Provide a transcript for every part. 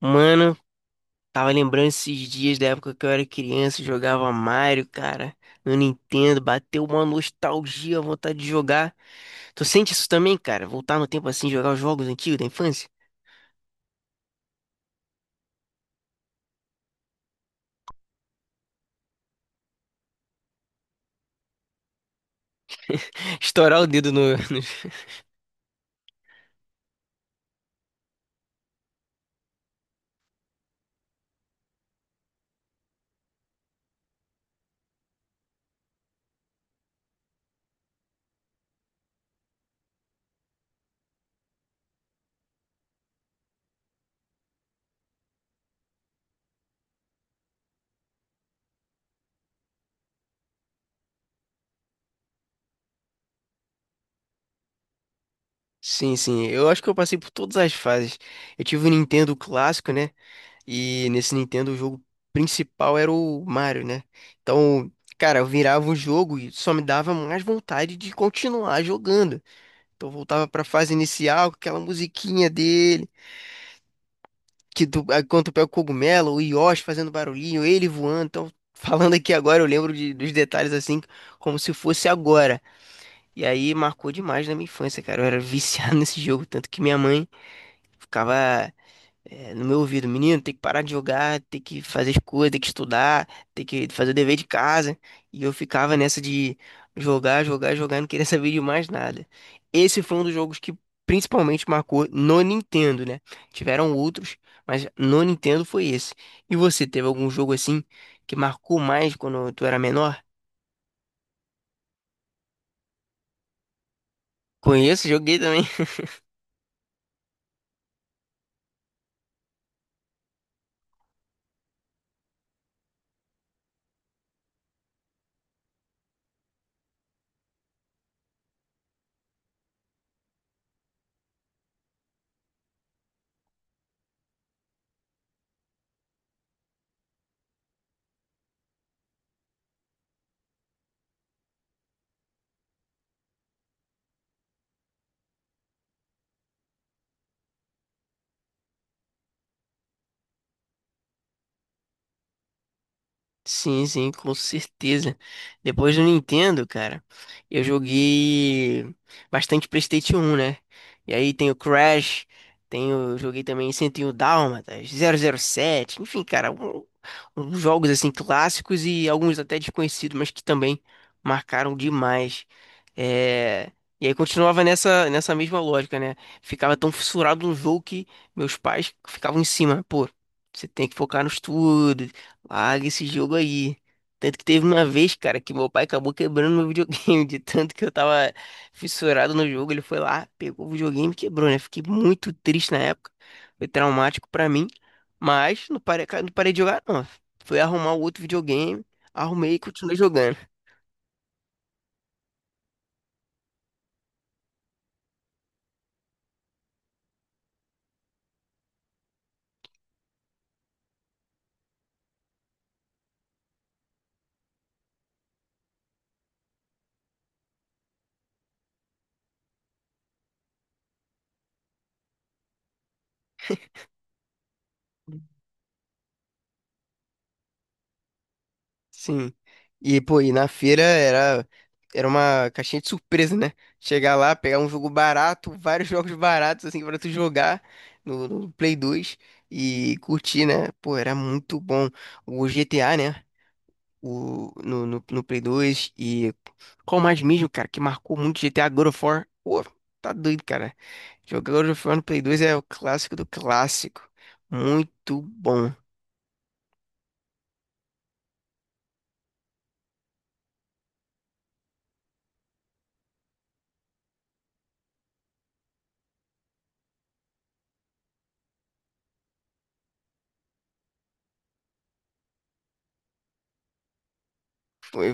Mano, tava lembrando esses dias da época que eu era criança, e jogava Mario, cara, no Nintendo, bateu uma nostalgia, vontade de jogar. Tu sente isso também, cara? Voltar no tempo assim, jogar os jogos antigos da infância? Estourar o dedo no... Sim, sim, eu acho que eu passei por todas as fases. Eu tive o Nintendo clássico, né? E nesse Nintendo o jogo principal era o Mario, né? Então, cara, eu virava o jogo e só me dava mais vontade de continuar jogando. Então voltava pra fase inicial, com aquela musiquinha dele, que do, aí quando tu pega o cogumelo, o Yoshi fazendo barulhinho, ele voando. Então, falando aqui agora, eu lembro dos detalhes assim, como se fosse agora. E aí marcou demais na minha infância, cara. Eu era viciado nesse jogo, tanto que minha mãe ficava, é, no meu ouvido, menino, tem que parar de jogar, tem que fazer as coisas, tem que estudar, tem que fazer o dever de casa. E eu ficava nessa de jogar, jogar, jogar, não queria saber de mais nada. Esse foi um dos jogos que principalmente marcou no Nintendo, né? Tiveram outros, mas no Nintendo foi esse. E você teve algum jogo assim que marcou mais quando tu era menor? Conheço, joguei também. Sim, sim, com certeza. Depois do Nintendo, cara, eu joguei bastante PlayStation um, né? E aí tem o Crash, joguei também 101 Dálmatas, 007, enfim, cara, uns jogos assim clássicos e alguns até desconhecidos, mas que também marcaram demais. É. E aí continuava nessa mesma lógica, né? Ficava tão fissurado no jogo que meus pais ficavam em cima, pô. Você tem que focar no estudo, larga esse jogo aí. Tanto que teve uma vez, cara, que meu pai acabou quebrando meu videogame, de tanto que eu tava fissurado no jogo. Ele foi lá, pegou o videogame e quebrou, né? Fiquei muito triste na época. Foi traumático pra mim. Mas não parei, não parei de jogar, não. Fui arrumar o outro videogame, arrumei e continuei jogando. Sim. E, pô, e na feira era, era uma caixinha de surpresa, né? Chegar lá, pegar um jogo barato, vários jogos baratos, assim, pra tu jogar no Play 2 e curtir, né? Pô, era muito bom. O GTA, né? O, no, no, no Play 2 e qual mais mesmo, cara, que marcou muito, GTA, God of War? Pô, tá doido, cara. Jogar God of War no Play 2 é o clássico do clássico. Muito bom. Foi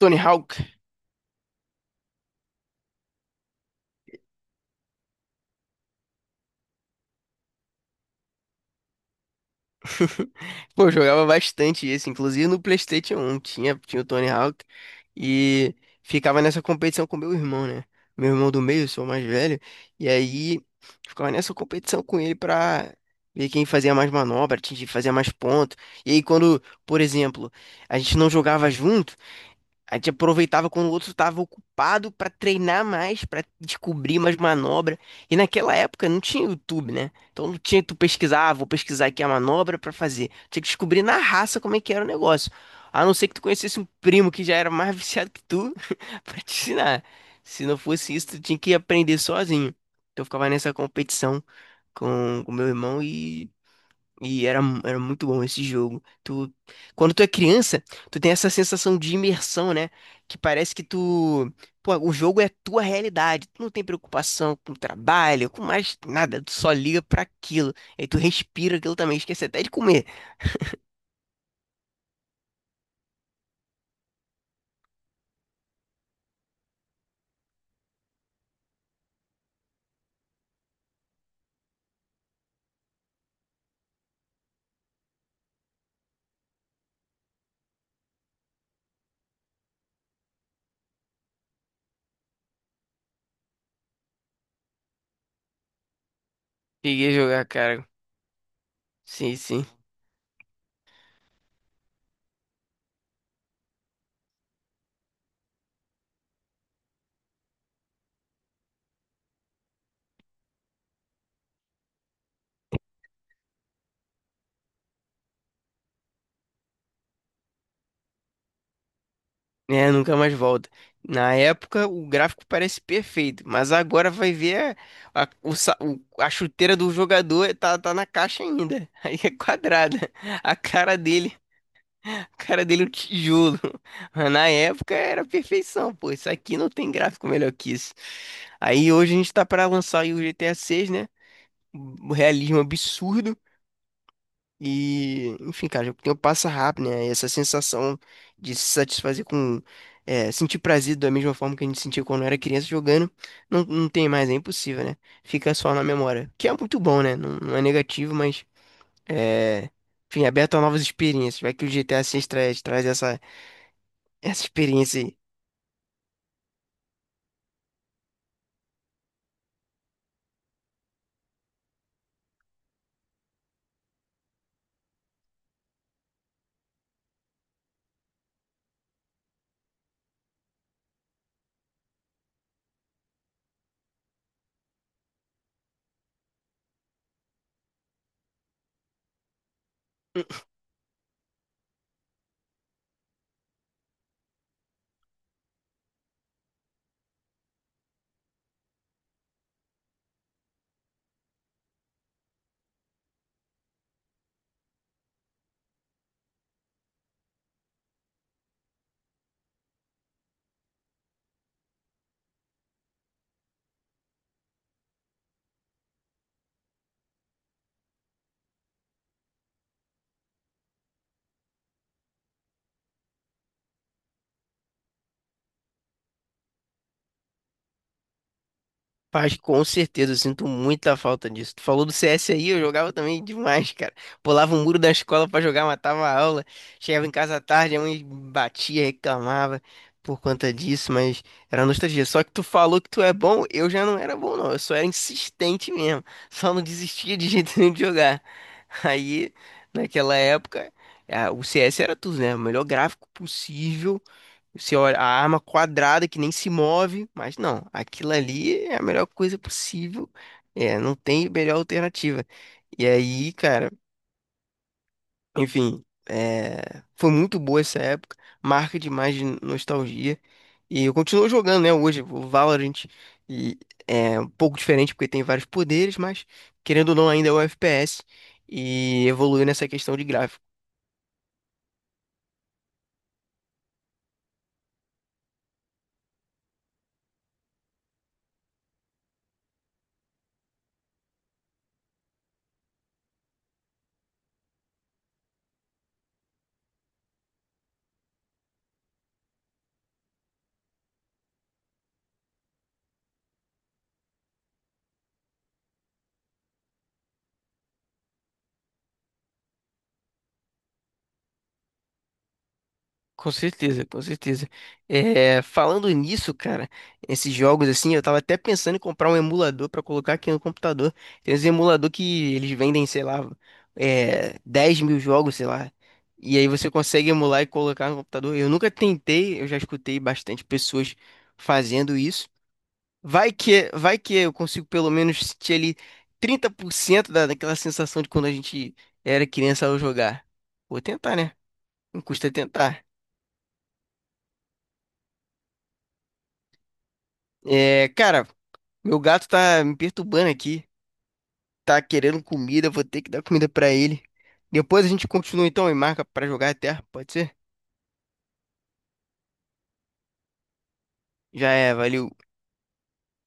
Tony Hawk. Pô, eu jogava bastante esse, inclusive no PlayStation 1 tinha o Tony Hawk e ficava nessa competição com meu irmão, né? Meu irmão do meio, eu sou o mais velho, e aí ficava nessa competição com ele pra ver quem fazia mais manobra, atingir, fazia mais ponto. E aí quando, por exemplo, a gente não jogava junto, a gente aproveitava quando o outro estava ocupado para treinar mais, para descobrir mais manobra. E naquela época não tinha YouTube, né? Então não tinha que tu pesquisar, ah, vou pesquisar aqui a manobra para fazer. Tinha que descobrir na raça como é que era o negócio. A não ser que tu conhecesse um primo que já era mais viciado que tu para te ensinar. Se não fosse isso, tu tinha que aprender sozinho. Então eu ficava nessa competição com o meu irmão e era muito bom esse jogo. Tu, quando tu é criança, tu tem essa sensação de imersão, né? Que parece que tu, pô, o jogo é a tua realidade. Tu não tem preocupação com trabalho, com mais nada. Tu só liga pra aquilo. Aí tu respira aquilo também. Esquece até de comer. Cheguei a jogar, cara. Sim, sim. É, nunca mais volta. Na época, o gráfico parece perfeito, mas agora vai ver a, o sa- o- a chuteira do jogador tá na caixa ainda. Aí é quadrada. A cara dele. Cara dele é um tijolo. Mas na época era perfeição, pô. Isso aqui não tem gráfico melhor que isso. Aí hoje a gente tá pra lançar aí o GTA 6, né? O realismo absurdo. E, enfim, cara, o tempo passa rápido, né? E essa sensação de se satisfazer com, é, sentir prazer da mesma forma que a gente sentia quando era criança jogando, não, não tem mais, é impossível, né? Fica só na memória. Que é muito bom, né? Não, não é negativo, mas. É, enfim, é aberto a novas experiências. Vai que o GTA 6 traz essa experiência aí. Faz, com certeza, eu sinto muita falta disso. Tu falou do CS aí, eu jogava também demais, cara. Pulava o muro da escola pra jogar, matava a aula. Chegava em casa à tarde, a mãe batia, reclamava por conta disso, mas era nostalgia. Só que tu falou que tu é bom, eu já não era bom, não. Eu só era insistente mesmo. Só não desistia de jeito nenhum de jogar. Aí, naquela época, ah, o CS era tudo, né? O melhor gráfico possível. Você olha a arma quadrada que nem se move, mas não, aquilo ali é a melhor coisa possível. É, não tem melhor alternativa. E aí, cara, enfim, é, foi muito boa essa época, marca demais de nostalgia. E eu continuo jogando, né, hoje, o Valorant. E é um pouco diferente porque tem vários poderes, mas querendo ou não, ainda é o FPS e evoluiu nessa questão de gráfico. Com certeza, com certeza. É, falando nisso, cara, esses jogos assim, eu tava até pensando em comprar um emulador pra colocar aqui no computador. Tem uns emulador que eles vendem, sei lá, é, 10 mil jogos, sei lá. E aí você consegue emular e colocar no computador. Eu nunca tentei, eu já escutei bastante pessoas fazendo isso. Vai que eu consigo pelo menos sentir ali 30% da, daquela sensação de quando a gente era criança ao jogar. Vou tentar, né? Não custa tentar. É, cara, meu gato tá me perturbando aqui. Tá querendo comida, vou ter que dar comida pra ele. Depois a gente continua então e marca pra jogar até, pode ser? Já é, valeu.